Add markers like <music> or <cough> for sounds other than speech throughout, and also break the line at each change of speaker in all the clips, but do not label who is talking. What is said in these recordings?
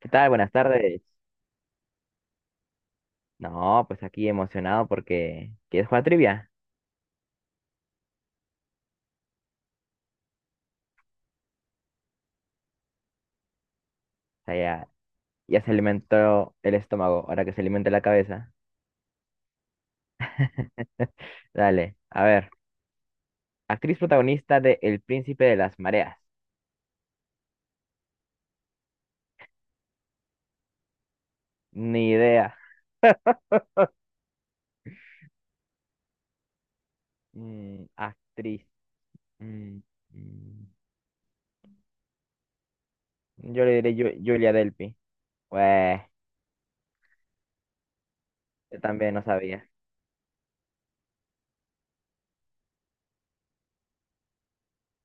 ¿Qué tal? Buenas tardes. No, pues aquí emocionado porque ¿quieres jugar trivia? O sea, ya, ya se alimentó el estómago, ahora que se alimente la cabeza. <laughs> Dale, a ver. Actriz protagonista de El Príncipe de las Mareas. Ni idea. Actriz. Mm, mm. Yo le diré Julia Delpy. Pues, yo también no sabía.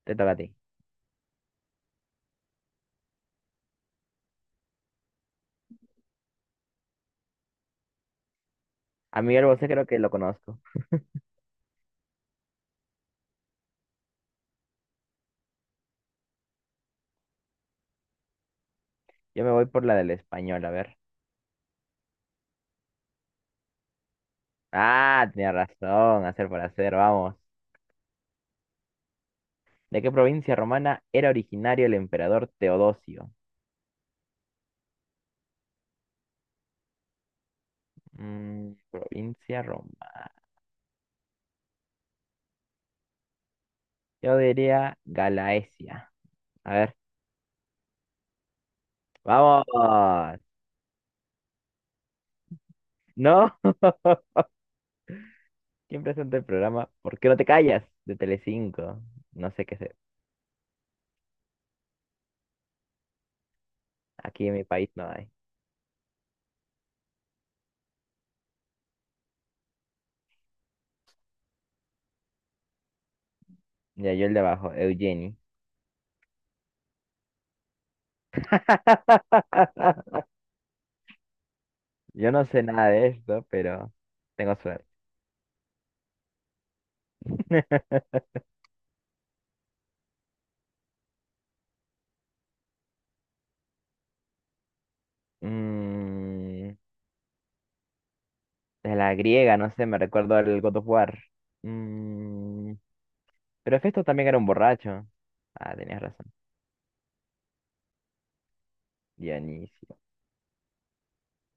Te toca a ti. A Miguel Bosé creo que lo conozco. Yo me voy por la del español, a ver. Ah, tenía razón. Hacer por hacer, vamos. ¿De qué provincia romana era originario el emperador Teodosio? Provincia romana. Yo diría Galaesia. A ver, vamos. ¿No? ¿Quién presenta el programa? ¿Por qué no te callas? De Telecinco. No sé qué es. Aquí en mi país no hay. Ya, yo el de abajo, Eugeni. <laughs> Yo no sé nada de esto, pero tengo suerte. <laughs> Mm, de la griega, no sé, me recuerdo el God of War. Mm, Pero Festo también era un borracho. Ah, tenías razón. Dionisio.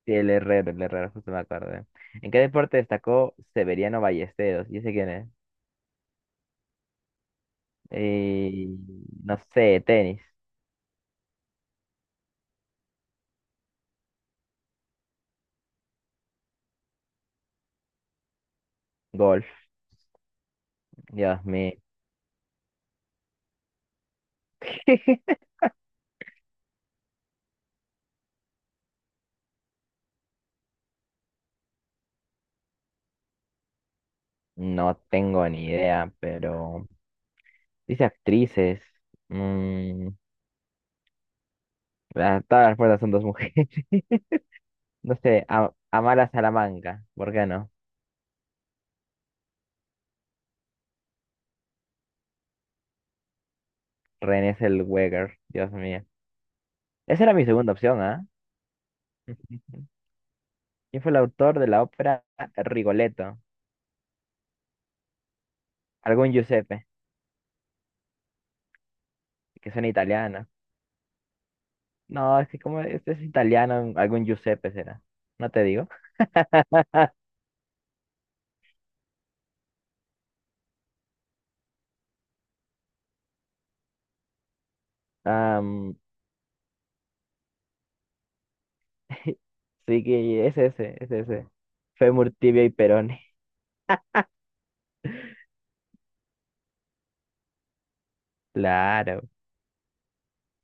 Sí, el Herrero, justo me acordé. ¿En qué deporte destacó Severiano Ballesteros? ¿Y ese quién es? Eh, no sé, tenis, golf. Dios mío. <laughs> No tengo ni idea, pero dice actrices. Mm, todas las puertas son dos mujeres. <laughs> No sé, Amara Salamanca, ¿por qué no? René Zellweger, Dios mío. Esa era mi segunda opción, ¿ah? <laughs> ¿Quién fue el autor de la ópera Rigoletto? Algún Giuseppe, que son italianas. No, es que como este es italiano, algún Giuseppe será. No te digo. Am, <laughs> sí que es ese, es ese. Fémur, tibia y perone. Claro,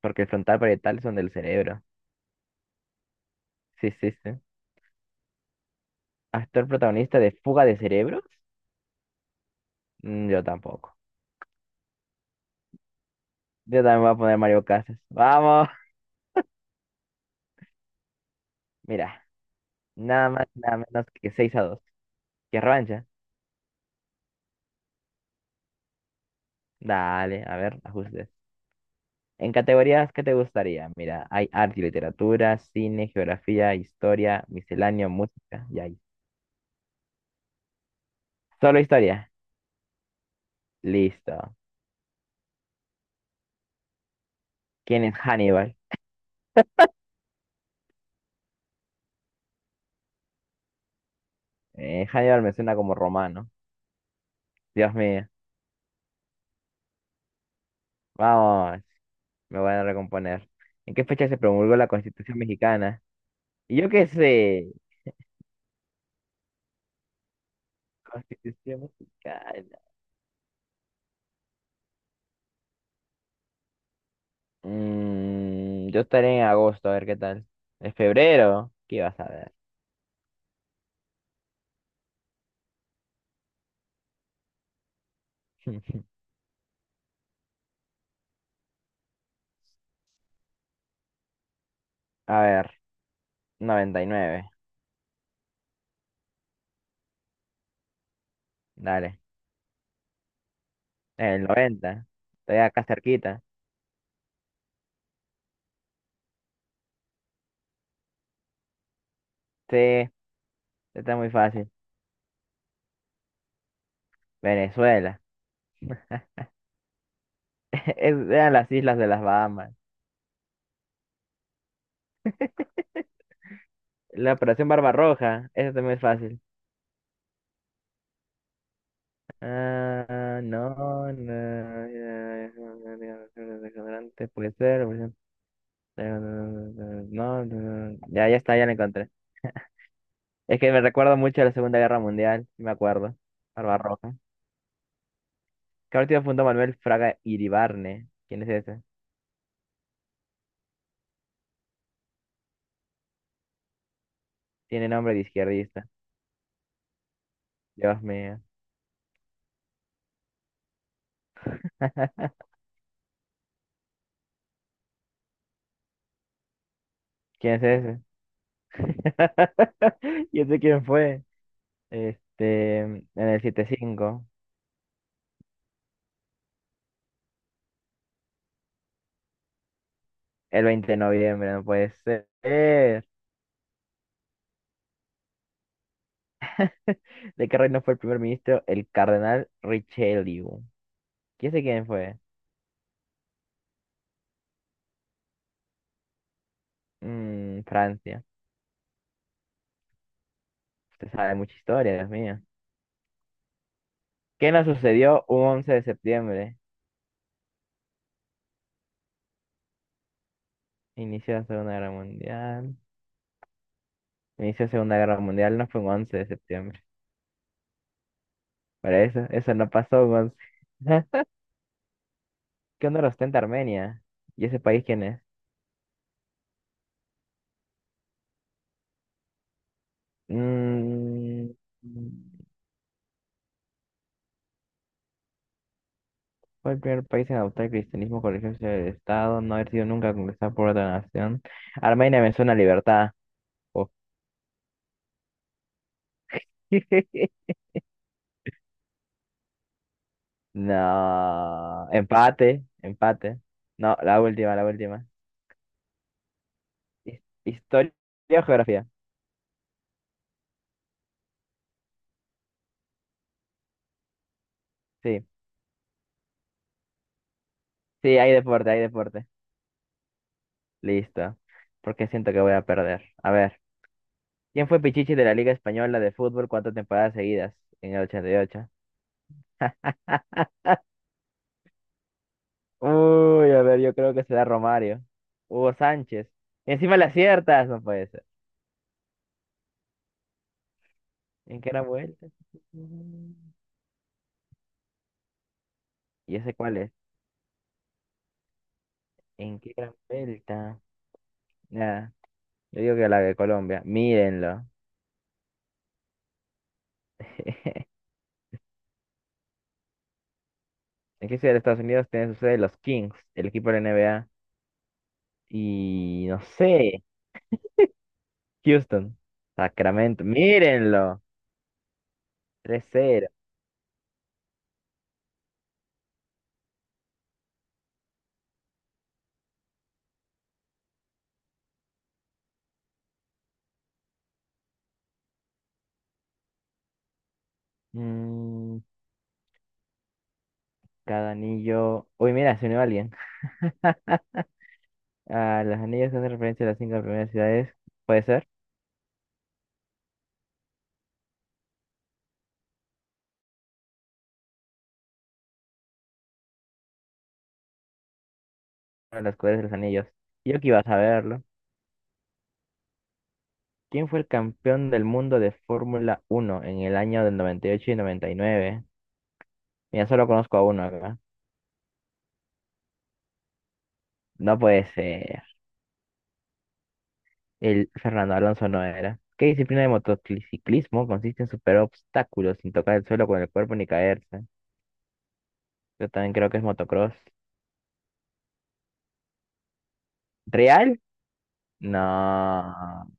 porque el frontal parietal son del cerebro. Sí, sí, sí. ¿Actor protagonista de Fuga de Cerebros? Yo tampoco. Yo también voy a poner Mario Casas. ¡Vamos! Mira, nada más, nada menos que 6-2. ¿Qué revancha? Dale, a ver, ajustes. En categorías, ¿qué te gustaría? Mira, hay arte y literatura, cine, geografía, historia, misceláneo, música, y ahí. Solo historia. Listo. ¿Quién es Hannibal? Hannibal me suena como romano. Dios mío. Vamos, me voy a recomponer. ¿En qué fecha se promulgó la Constitución mexicana? Y yo qué sé. Constitución mexicana. Yo estaré en agosto, a ver qué tal. ¿En febrero? ¿Qué vas a ver? <laughs> A ver, 99. Dale. El 90. Estoy acá cerquita. Sí, está muy fácil. Venezuela. <laughs> Eran las islas de las Bahamas. La Operación Barbarroja. Eso está muy fácil. Ah, no, no. Puede ser. Puede ser. No, no, no. Ya, ya está, ya la encontré. Es que me recuerdo mucho a la Segunda Guerra Mundial. Sí, me acuerdo. Barbarroja. ¿Qué partido fundó Manuel Fraga Iribarne? ¿Quién es ese? Tiene nombre de izquierdista. Dios mío. <laughs> ¿Quién es ese? <laughs> ¿Y ese quién fue? Este, en el 7-5, el 20 de noviembre, no puede ser. <laughs> ¿De qué reino fue el primer ministro? El cardenal Richelieu. ¿Quién sé quién fue? Francia. Usted sabe mucha historia, Dios mío. ¿Qué nos sucedió un 11 de septiembre? Inicio de la Segunda Guerra Mundial. Inicio de la Segunda Guerra Mundial no fue un 11 de septiembre. Para eso, eso no pasó un 11. <laughs> ¿Qué honor ostenta Armenia? ¿Y ese país quién es? Mm, fue el primer país en adoptar el cristianismo con religión del Estado, no haber sido nunca conquistada por otra nación. Armenia me suena a libertad. Oh. <laughs> No, empate, empate. No, la última, la última. Historia o geografía. Sí, sí, hay deporte, hay deporte. Listo. Porque siento que voy a perder. A ver, ¿quién fue Pichichi de la Liga Española de Fútbol cuántas temporadas seguidas? En el 88. Uy, a ver, yo creo que será Romario. Hugo Sánchez. Encima le aciertas, no puede ser. ¿En qué gran vuelta? ¿Y ese cuál es? ¿En qué gran vuelta? Nada, yo digo que la de Colombia. Mírenlo. <laughs> ¿En qué ciudad de Estados Unidos tiene su sede los Kings, el equipo de la NBA? Y no sé, Houston, Sacramento, mírenlo, 3-0. Mm, cada anillo. Uy, mira, se unió alguien. <laughs> Ah, los anillos hacen referencia a las cinco primeras ciudades, puede ser. De los Poderes de los Anillos. Y yo que iba a saberlo. ¿Quién fue el campeón del mundo de Fórmula Uno en el año del 98 y 99? Mira, solo conozco a uno acá. No puede ser. El Fernando Alonso no era. ¿Qué disciplina de motociclismo consiste en superar obstáculos sin tocar el suelo con el cuerpo ni caerse? Yo también creo que es motocross. ¿Real? No.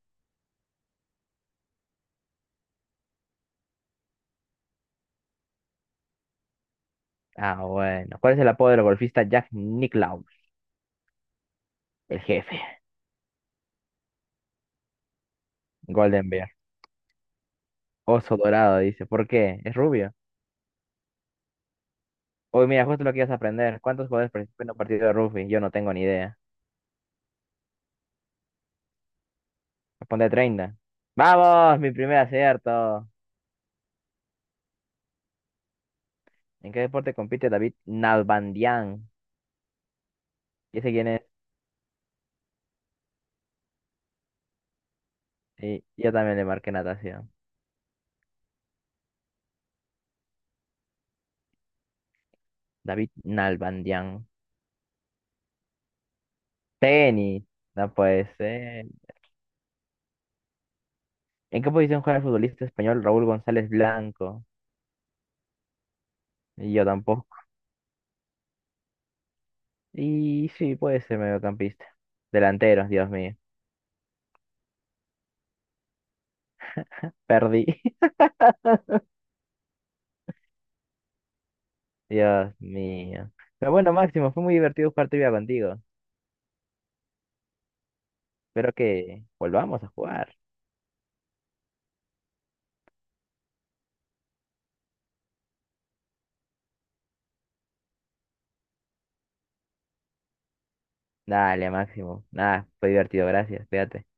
Ah, bueno. ¿Cuál es el apodo del golfista Jack Nicklaus? El jefe. Golden Bear. Oso dorado, dice. ¿Por qué? ¿Es rubio? Hoy mira, justo lo que ibas a aprender. ¿Cuántos jugadores participan en un partido de rugby? Yo no tengo ni idea. Responde 30. ¡Vamos! Mi primer acierto. ¿En qué deporte compite David Nalbandian? ¿Y ese quién es? Sí, yo también le marqué natación. David Nalbandian. Tenis. No puede ser. ¿En qué posición juega el futbolista español Raúl González Blanco? Y yo tampoco. Y sí, puede ser mediocampista. Delantero, Dios mío. Perdí. <laughs> Dios mío. Pero bueno, Máximo, fue muy divertido jugar trivia contigo. Espero que volvamos a jugar. Dale, Máximo. Nada, fue divertido, gracias. Cuídate.